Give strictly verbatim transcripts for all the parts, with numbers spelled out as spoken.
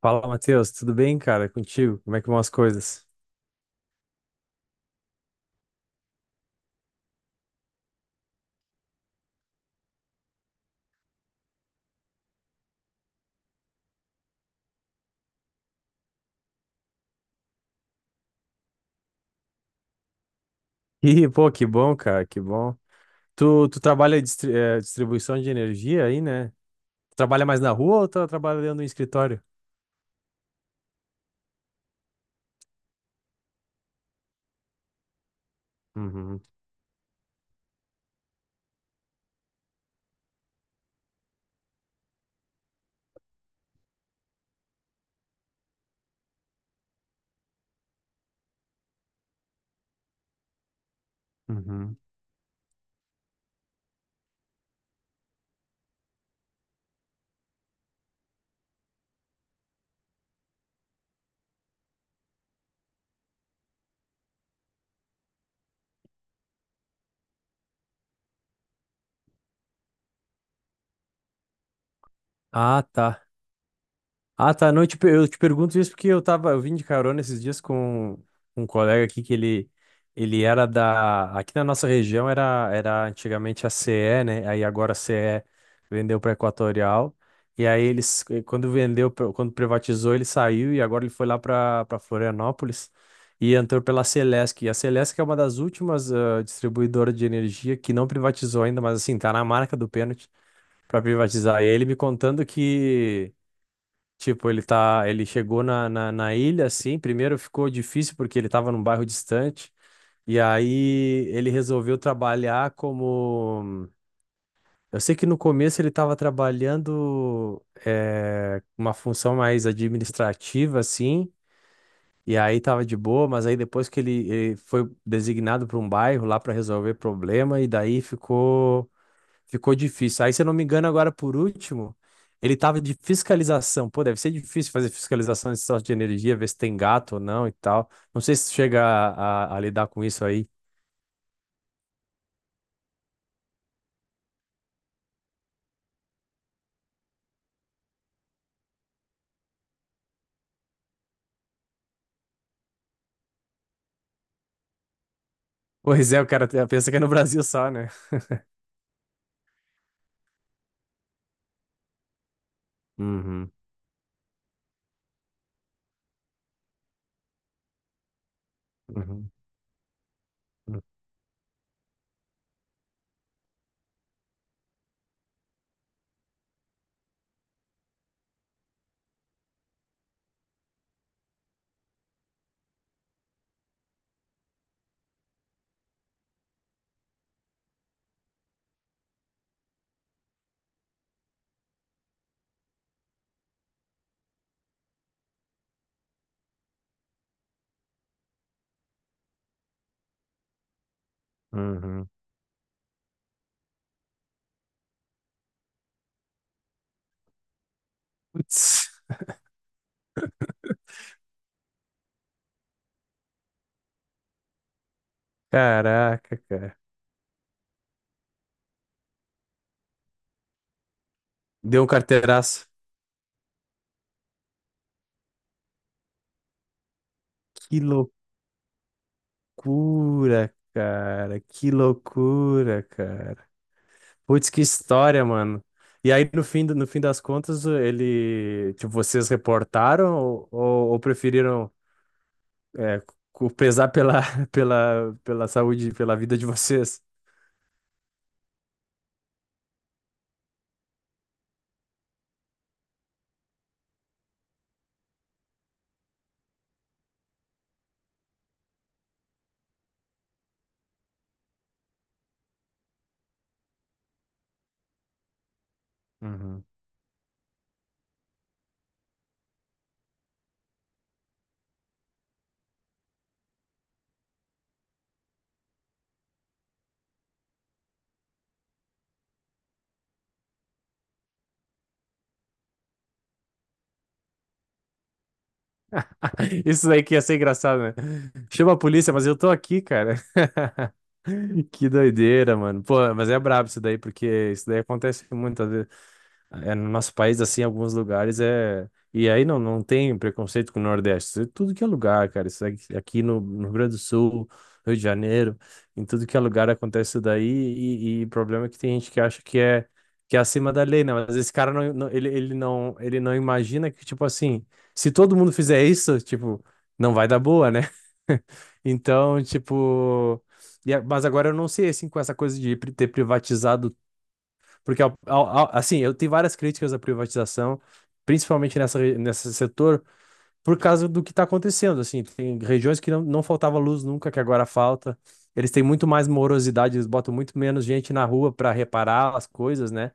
Fala, Matheus, tudo bem, cara? Contigo? Como é que vão as coisas? Ih, pô, que bom, cara, que bom. Tu, tu trabalha distri eh, distribuição de energia aí, né? Trabalha mais na rua ou tu trabalha dentro do escritório? Uhum, uhum. Ah, tá. Ah, tá. Não, eu te, per- eu te pergunto isso porque eu tava, eu vim de carona esses dias com um colega aqui que ele, ele era da, aqui na nossa região era, era antigamente a C E, né? Aí agora a C E vendeu para Equatorial. E aí eles, eh, quando vendeu, pra- quando privatizou, ele saiu e agora ele foi lá para para Florianópolis e entrou pela Celesc. E a Celesc é uma das últimas ah, distribuidoras de energia que não privatizou ainda, mas assim, tá na marca do pênalti para privatizar. E aí ele me contando que tipo, ele tá, ele chegou na, na, na ilha, assim, primeiro ficou difícil porque ele estava num bairro distante, e aí ele resolveu trabalhar como... Eu sei que no começo ele estava trabalhando eh, uma função mais administrativa, assim, e aí estava de boa, mas aí depois que ele, ele foi designado para um bairro lá para resolver problema, e daí ficou ficou difícil. Aí, se eu não me engano, agora por último, ele tava de fiscalização. Pô, deve ser difícil fazer fiscalização de sorte de energia, ver se tem gato ou não e tal. Não sei se chega a, a- a lidar com isso aí. Pois é, o cara te- pensa que é no Brasil só, né? Uhum, uhum, uhum. Putz, caraca, cara. Deu um carteiraço. Que loucura, cara. Que loucura, cara. Putz, que história, mano. E aí, no fim, do- no fim das contas, ele, tipo, vocês reportaram ou, ou- ou preferiram é, cu- pesar pela, pela, pela saúde, pela vida de vocês? Uhum. Isso daí que ia ser engraçado, né? Chama a polícia, mas eu tô aqui, cara. Que doideira, mano. Pô, mas é brabo isso daí, porque isso daí acontece muitas vezes. É, no nosso país, assim, em alguns lugares é. E aí não, não tem preconceito com o Nordeste. Isso é tudo que é lugar, cara. Isso aqui aqui no, no Rio Grande do Sul, Rio de Janeiro, em tudo que é lugar acontece isso daí. E, e o problema é que tem gente que acha que é, que é acima da lei, né? Mas esse cara não, não- ele, ele não, ele não imagina que, tipo assim, se todo mundo fizer isso, tipo, não vai dar boa, né? Então, tipo. e a- mas agora eu não sei, assim, com essa coisa de pri- ter privatizado porque, ao- ao- ao- assim, eu tenho várias críticas à privatização, principalmente nessa, re- nesse setor, por causa do que está acontecendo. Assim, tem regiões que não, não faltava luz nunca, que agora falta. Eles têm muito mais morosidade, eles botam muito menos gente na rua para reparar as coisas, né?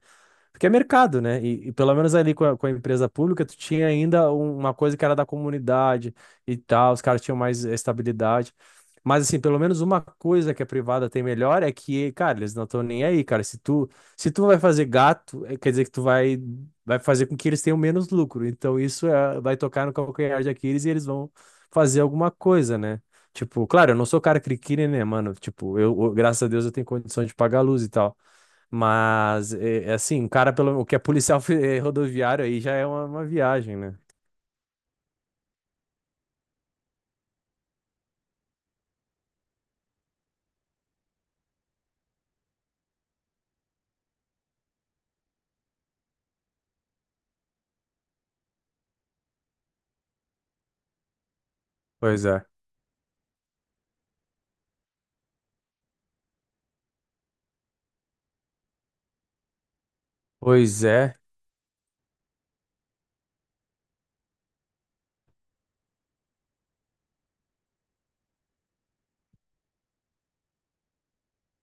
Porque é mercado, né? E, e pelo menos ali com a, com a empresa pública, tu tinha ainda um- uma coisa que era da comunidade e tal, os caras tinham mais estabilidade. Mas, assim, pelo menos uma coisa que a privada tem melhor é que, cara, eles não estão nem aí, cara. Se tu, se tu vai fazer gato, eh, quer dizer que tu vai, vai fazer com que eles tenham menos lucro. Então, isso é- vai tocar no calcanhar de Aquiles e eles vão fazer alguma coisa, né? Tipo, claro, eu não sou cara criqui, né, mano? Tipo, eu, eu- graças a Deus, eu tenho condição de pagar a luz e tal. Mas, é, é assim, um cara, pelo o que é policial fe- eh, rodoviário aí já é uma, uma viagem, né? Pois é. Pois é,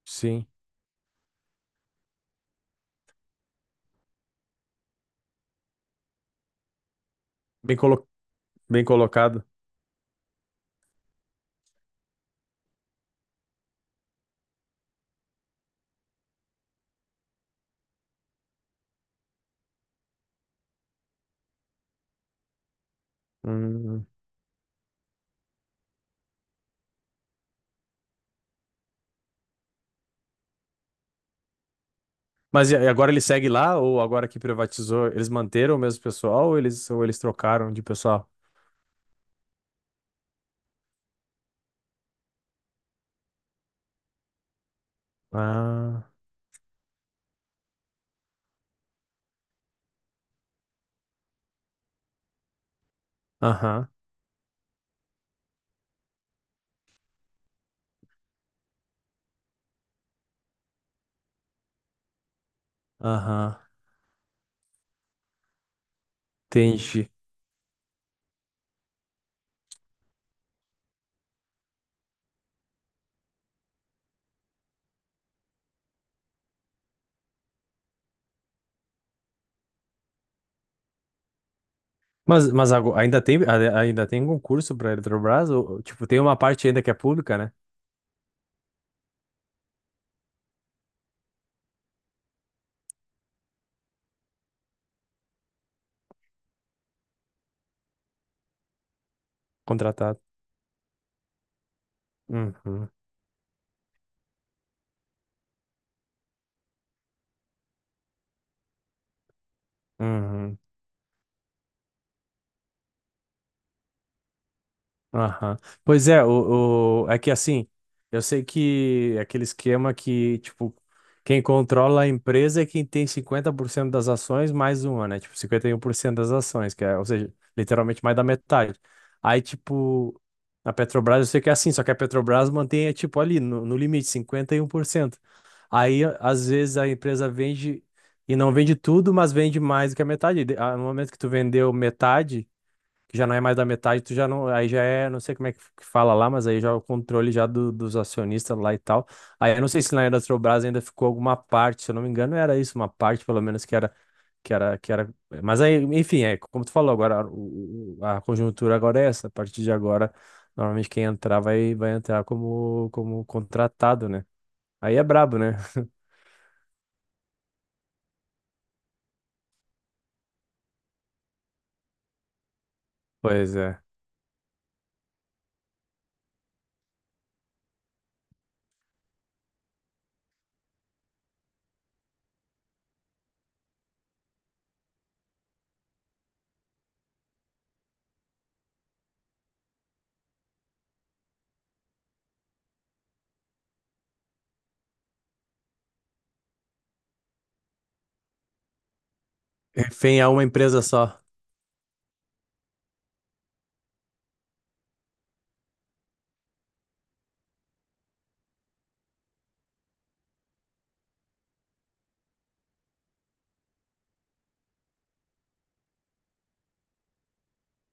sim. Bem, colo... Bem colocado. Hum. Mas e e agora ele segue lá, ou agora que privatizou, eles manteram o mesmo pessoal, ou eles, ou eles trocaram de pessoal? Ah, aham, aham, entendi. Mas, mas ago- ainda tem, a- ainda tem concurso para a Eletrobras? Ou, ou, tipo, tem uma parte ainda que é pública, né? Contratado. Uhum, uhum. Aham. Pois é, o, o- é que assim, eu sei que é aquele esquema que, tipo, quem controla a empresa é quem tem cinquenta por cento das ações mais uma, né? Tipo, cinquenta e um por cento das ações, que é, ou seja, literalmente mais da metade. Aí, tipo, na Petrobras eu sei que é assim, só que a Petrobras mantém, é, tipo, ali, no, no limite, cinquenta e um por cento. Aí, às vezes, a empresa vende e não vende tudo, mas vende mais do que a metade. E de- ah, no momento que tu vendeu metade que já não é mais da metade, tu já não, aí já é, não sei como é que que fala lá, mas aí já é o controle já do- dos acionistas lá e tal. Aí eu não sei se na Eletrobras ainda ficou alguma parte, se eu não me engano, era isso, uma parte pelo menos que era que era que era, mas aí, enfim, é como tu falou agora, o- o- a conjuntura agora é essa, a partir de agora, normalmente quem entrar vai vai entrar como como contratado, né? Aí é brabo, né? Pois é. Refém a uma empresa só.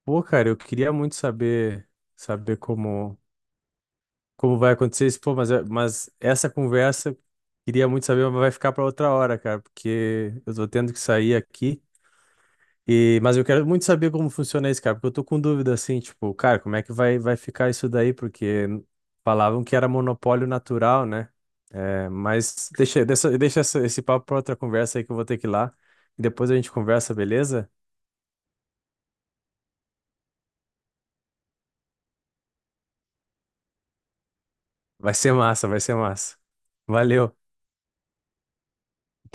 Pô, cara, eu queria muito saber saber como como vai acontecer isso, pô, mas, é- mas essa conversa queria muito saber, mas vai ficar para outra hora, cara, porque eu tô tendo que sair aqui. E, mas eu quero muito saber como funciona isso, cara, porque eu tô com dúvida assim, tipo, cara, como é que vai, vai ficar isso daí? Porque falavam que era monopólio natural, né? É, mas deixa, deixa, deixa essa- esse papo para outra conversa aí que eu vou ter que ir lá. E depois a gente conversa, beleza? Vai ser massa, vai ser massa. Valeu.